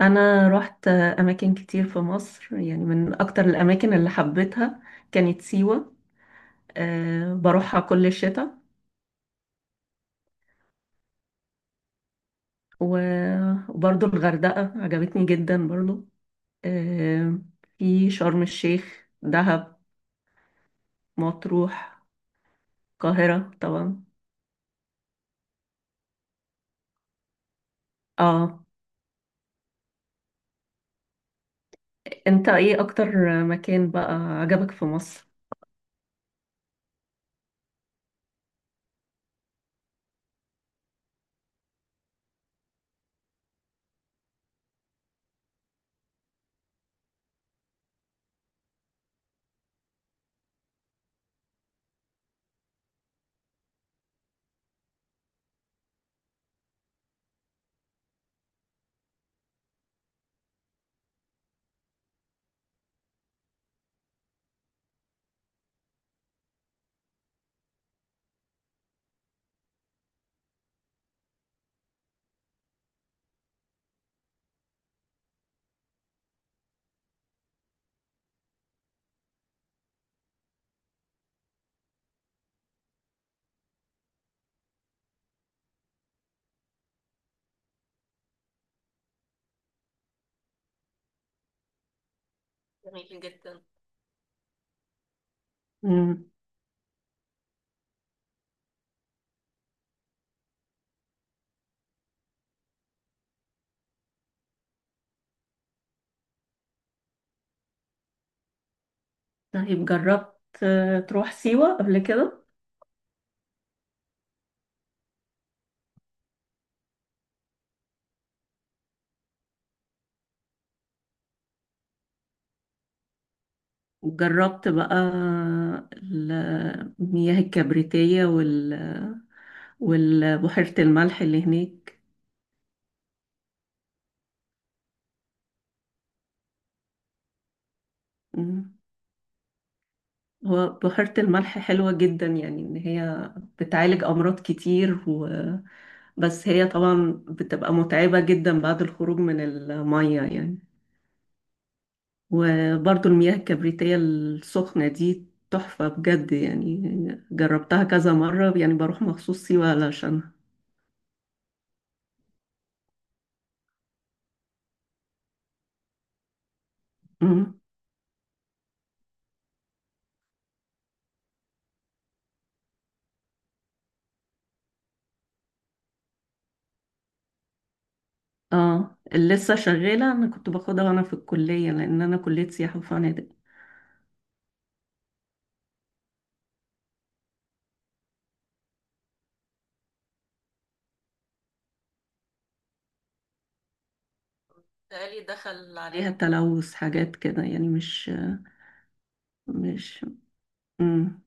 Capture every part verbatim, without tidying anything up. انا رحت اماكن كتير في مصر، يعني من اكتر الاماكن اللي حبيتها كانت سيوة. أه، بروحها كل الشتاء. و- وبرضو الغردقة عجبتني جدا برضو. أه. في شرم الشيخ، دهب، مطروح، القاهرة طبعا. اه. انت ايه اكتر مكان بقى عجبك في مصر؟ جميل جدا. مم. طيب، جربت آه، تروح سيوة قبل كده؟ وجربت بقى المياه الكبريتية وال والبحيرة الملح اللي هناك. مم. هو بحيرة الملح حلوة جدا، يعني إن هي بتعالج أمراض كتير و... بس هي طبعا بتبقى متعبة جدا بعد الخروج من المية، يعني. وبرضو المياه الكبريتية السخنة دي تحفة بجد، يعني جربتها كذا مرة، يعني بروح مخصوص سيوة علشانها. مم. اه، لسه شغالة. انا كنت باخدها وانا في الكلية، لان انا كلية سياحة وفنادق. الله، ليها عليك تلوث حاجات كده يعني؟ مش مش مم.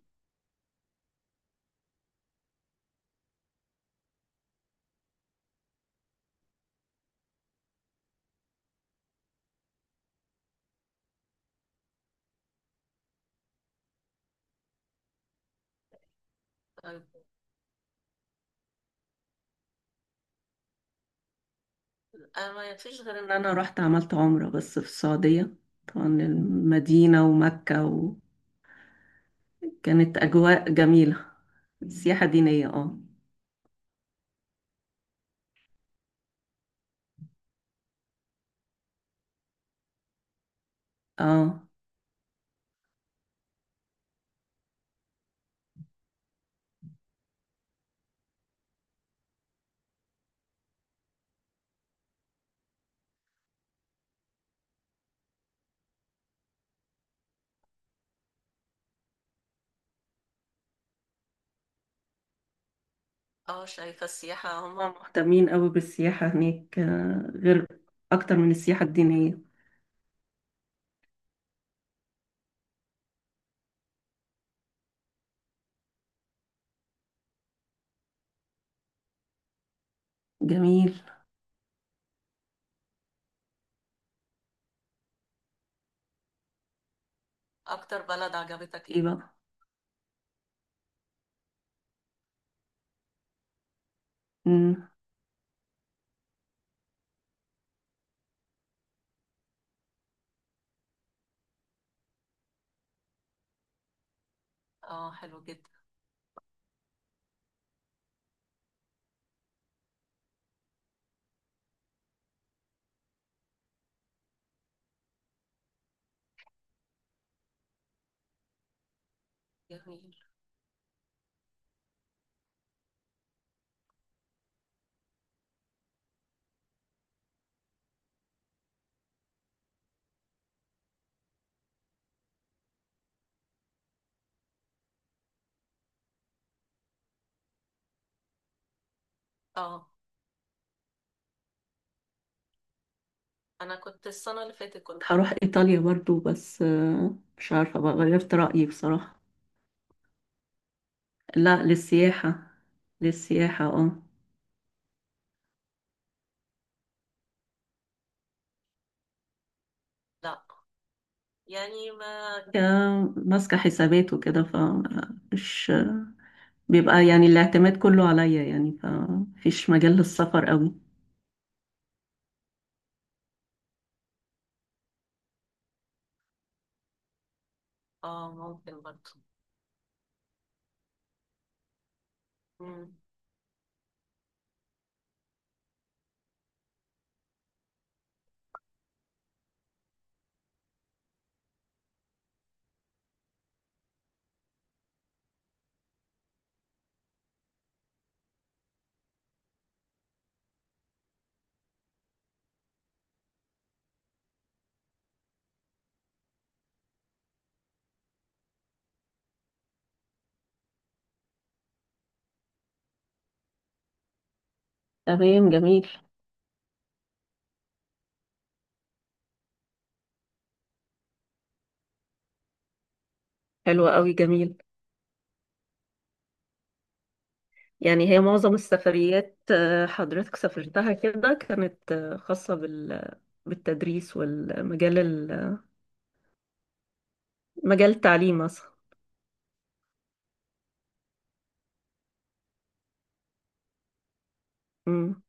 طيب، انا ما فيش غير ان انا رحت عملت عمرة بس في السعودية. طبعا المدينة ومكة، وكانت اجواء جميلة. سياحة دينية، اه. اه. اه، شايفة السياحة هم هم مهتمين قوي بالسياحة هناك، آه، غير اكتر من السياحة الدينية. جميل. اكتر بلد عجبتك، ايه ايه بقى؟ اه، حلو جدا. جميل. اه، انا كنت السنة اللي فاتت كنت هروح ايطاليا برضو، بس آه، مش عارفة بقى، غيرت رأيي بصراحة. لا، للسياحة. للسياحة، اه. لا، يعني ما يا- ماسكة حسابات وكده، فمش بيبقى، يعني الاعتماد كله عليا يعني، فمفيش مجال للسفر قوي. اه، ممكن برضه. مم. تمام. جميل. حلو قوي. جميل. يعني هي معظم السفريات آه، حضرتك سافرتها كده كانت آه، خاصة بال- بالتدريس، والمجال ال- مجال التعليم مثلا؟ أمم.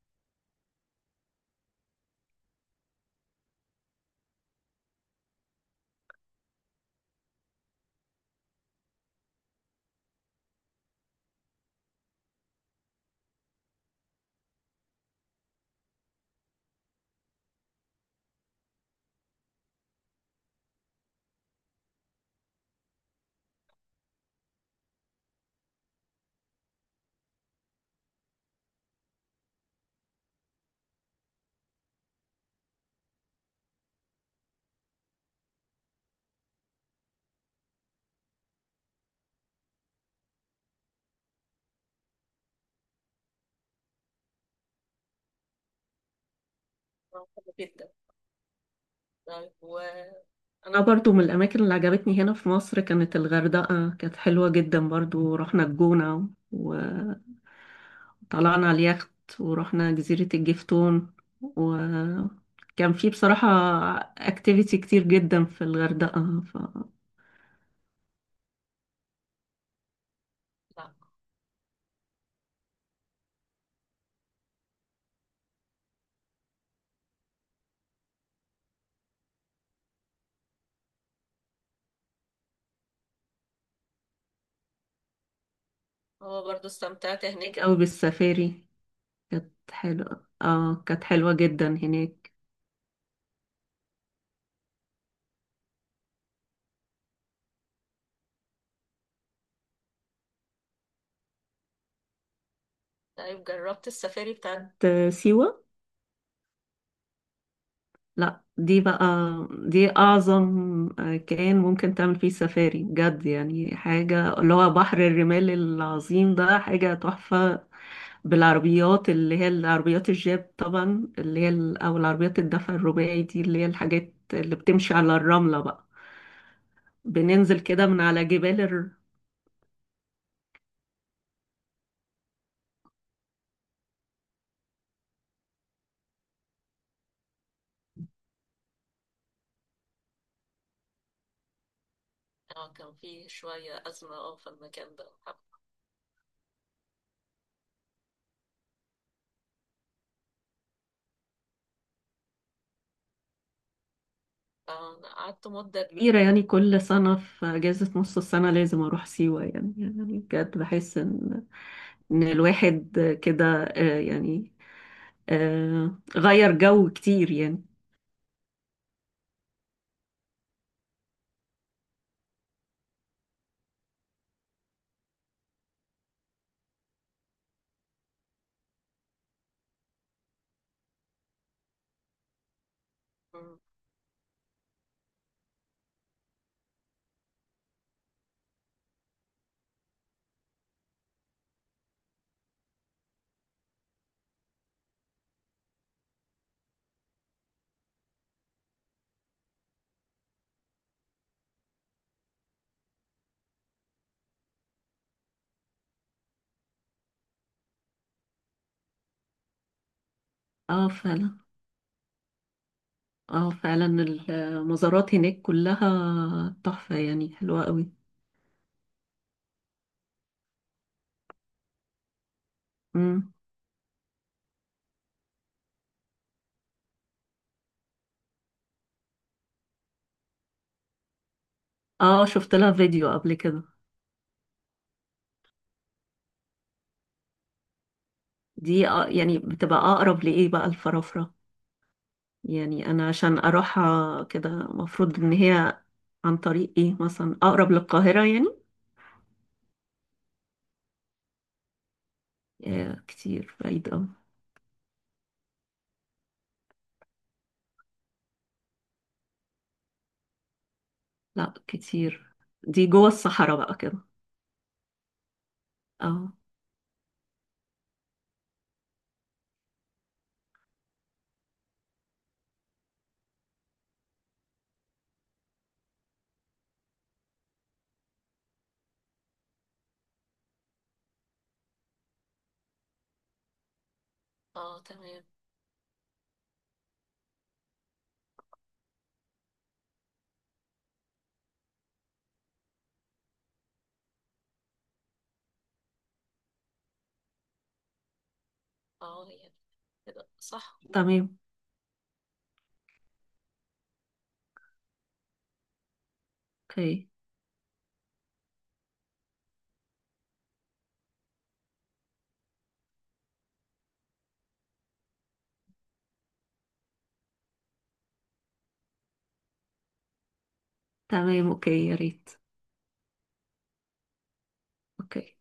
حلو جدا. طيب، وأنا برضو من الأماكن اللي عجبتني هنا في مصر كانت الغردقة، كانت حلوة جدا برضو. رحنا الجونة و- وطلعنا على اليخت، ورحنا جزيرة الجفتون، وكان في بصراحة اكتيفيتي كتير جدا في الغردقة. ف... هو برضو استمتعت هناك أوي بالسفاري. كانت حلوة، اه، كانت حلوة جدا هناك. طيب، جربت السفاري بتاعت بتاعت سيوة؟ لا، دي بقى، دي أعظم. كان ممكن تعمل فيه سفاري بجد، يعني حاجة، اللي هو بحر الرمال العظيم ده حاجة تحفة. بالعربيات اللي هي العربيات الجيب طبعا، اللي هي ال- أو العربيات الدفع الرباعي، دي اللي هي الحاجات اللي بتمشي على الرملة بقى. بننزل كده من على جبال. اه، كان فيه شوية أزمة، اه، في المكان ده. فأنا قعدت مدة أميرة كبيرة، يعني كل سنة في أجازة نص السنة لازم أروح سيوة، يعني يعني بجد بحس إن إن الواحد كده، آه، يعني آه، غير جو كتير، يعني. مم. اه، فعلا. اه، فعلا. المزارات هناك كلها تحفة، يعني حلوة قوي. مم. اه، شفت لها فيديو قبل كده. دي آه يعني بتبقى أقرب لإيه بقى، الفرافرة؟ يعني انا عشان اروحها كده، مفروض ان هي عن طريق ايه مثلا؟ اقرب للقاهرة يعني؟ آه، كتير، بعيد اوي. لا، كتير. دي جوه الصحراء بقى كده. اه. اه، تمام. اه، يعني كده صح، تمام. اوكي. تمام، اوكي، يا ريت. اوكي.